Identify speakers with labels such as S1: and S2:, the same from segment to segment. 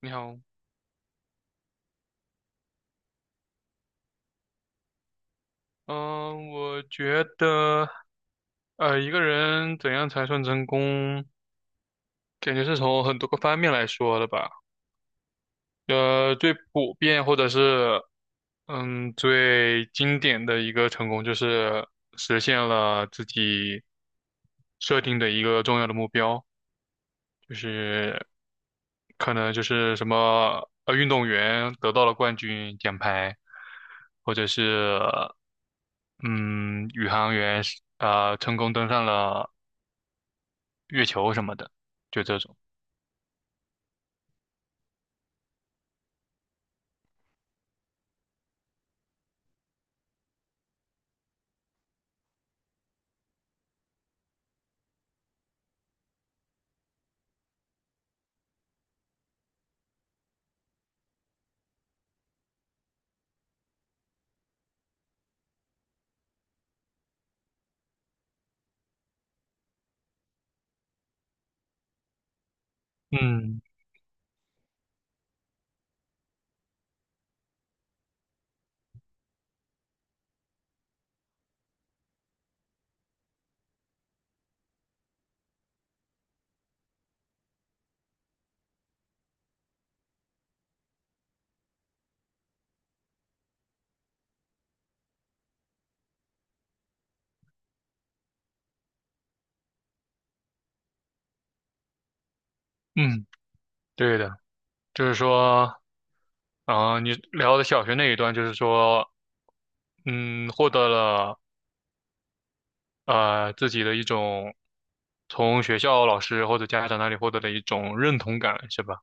S1: 你好。嗯，我觉得，一个人怎样才算成功，感觉是从很多个方面来说的吧。最普遍或者是，最经典的一个成功就是实现了自己设定的一个重要的目标。就是可能就是什么运动员得到了冠军奖牌，或者是嗯宇航员成功登上了月球什么的，就这种。嗯嗯，对的，就是说，你聊的小学那一段，就是说，获得了自己的一种从学校老师或者家长那里获得的一种认同感，是吧？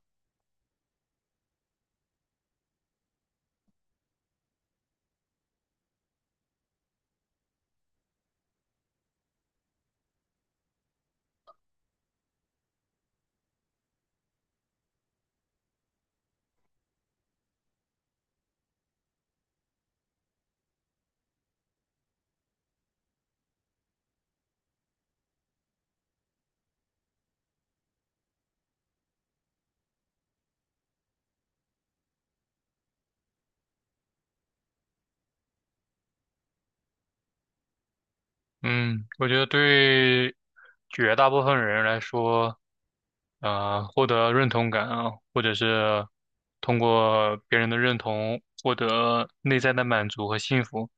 S1: 嗯，我觉得对绝大部分人来说，获得认同感啊，或者是通过别人的认同获得内在的满足和幸福，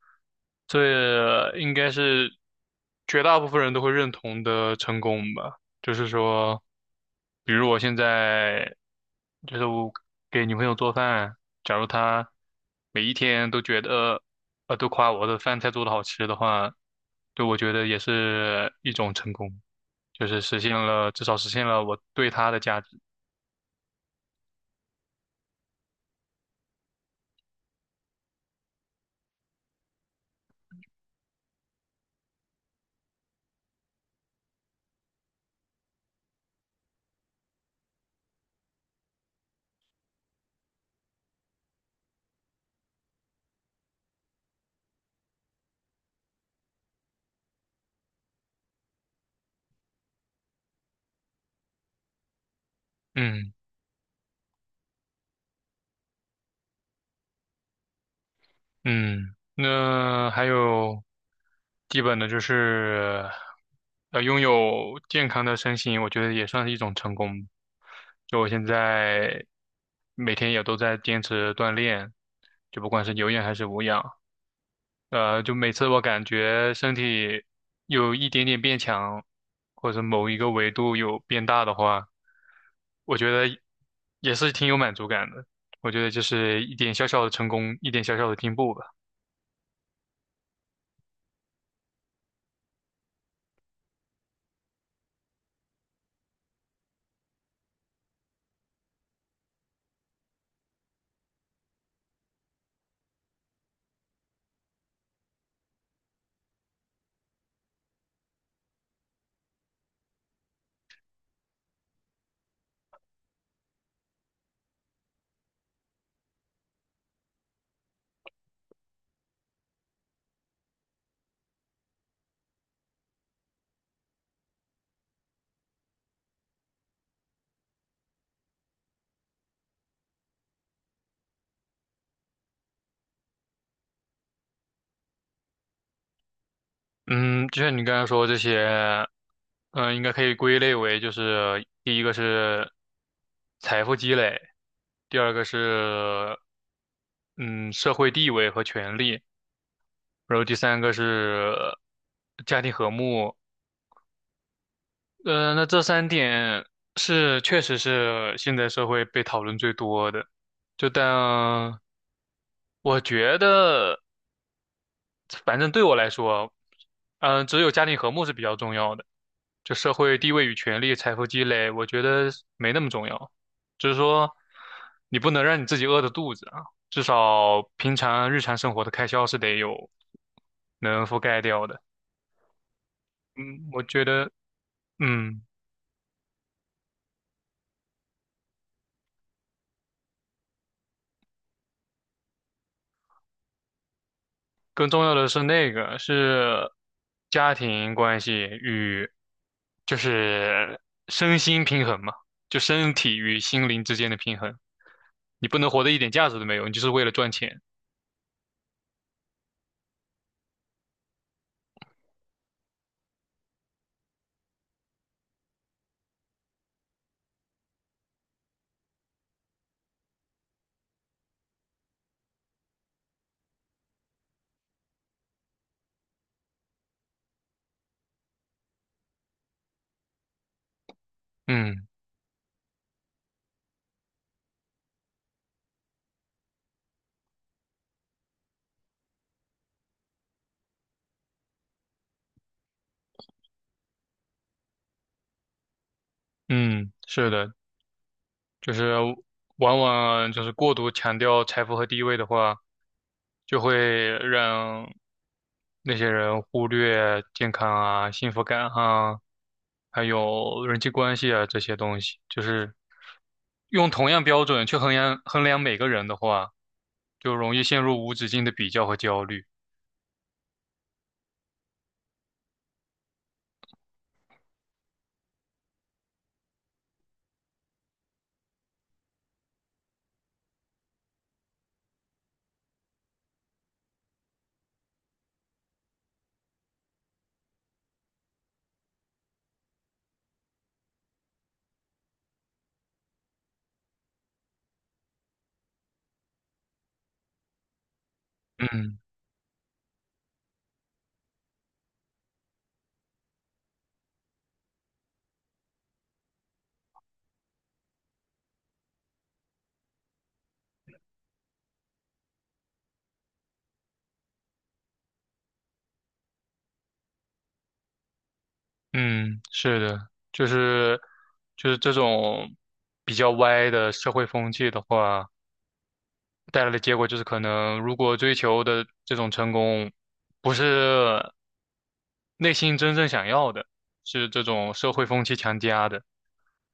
S1: 这应该是绝大部分人都会认同的成功吧。就是说，比如我现在就是我给女朋友做饭，假如她每一天都觉得都夸我的饭菜做的好吃的话，对我觉得也是一种成功。就是实现了，至少实现了我对他的价值。嗯嗯，那还有基本的就是，拥有健康的身心，我觉得也算是一种成功。就我现在每天也都在坚持锻炼，就不管是有氧还是无氧。就每次我感觉身体有一点点变强，或者某一个维度有变大的话，我觉得也是挺有满足感的。我觉得就是一点小小的成功，一点小小的进步吧。嗯，就像你刚才说这些，应该可以归类为就是第一个是财富积累，第二个是嗯社会地位和权利，然后第三个是家庭和睦，那这三点是确实是现在社会被讨论最多的。就但我觉得，反正对我来说，只有家庭和睦是比较重要的。就社会地位与权力、财富积累，我觉得没那么重要。就是说，你不能让你自己饿着肚子啊，至少平常日常生活的开销是得有能覆盖掉的。嗯，我觉得，嗯。更重要的是那个是家庭关系与就是身心平衡嘛，就身体与心灵之间的平衡。你不能活得一点价值都没有，你就是为了赚钱。嗯，嗯，是的，就是往往就是过度强调财富和地位的话，就会让那些人忽略健康啊、幸福感啊，还有人际关系啊这些东西，就是。用同样标准去衡量每个人的话，就容易陷入无止境的比较和焦虑。嗯嗯，是的，就是这种比较歪的社会风气的话，带来的结果就是可能如果追求的这种成功不是内心真正想要的，是这种社会风气强加的，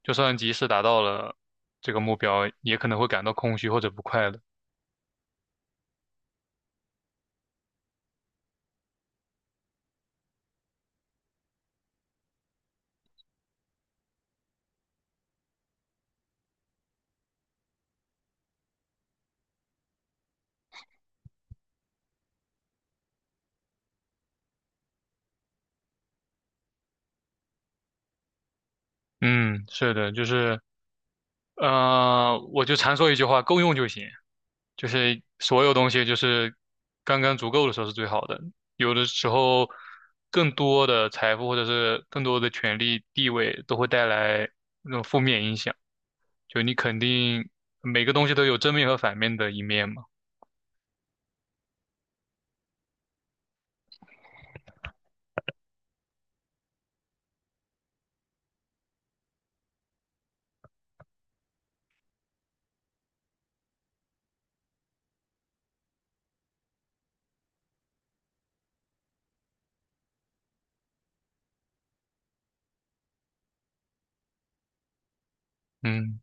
S1: 就算即使达到了这个目标，也可能会感到空虚或者不快乐。嗯，是的，就是。我就常说一句话，够用就行。就是所有东西就是刚刚足够的时候是最好的。有的时候，更多的财富或者是更多的权利、地位都会带来那种负面影响。就你肯定每个东西都有正面和反面的一面嘛。嗯，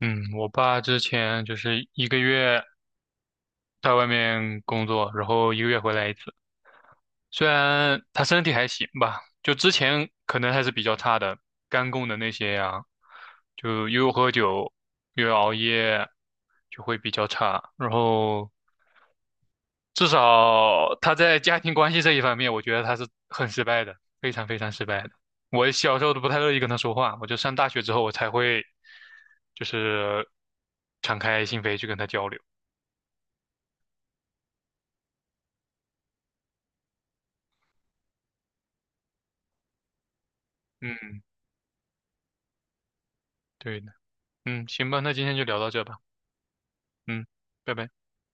S1: 嗯，我爸之前就是一个月在外面工作，然后一个月回来一次。虽然他身体还行吧，就之前可能还是比较差的，肝功能那些呀、就又喝酒又熬夜，就会比较差。然后至少他在家庭关系这一方面，我觉得他是很失败的，非常非常失败的。我小时候都不太乐意跟他说话，我就上大学之后我才会就是敞开心扉去跟他交流。嗯，对的，嗯，行吧，那今天就聊到这吧，嗯，拜拜。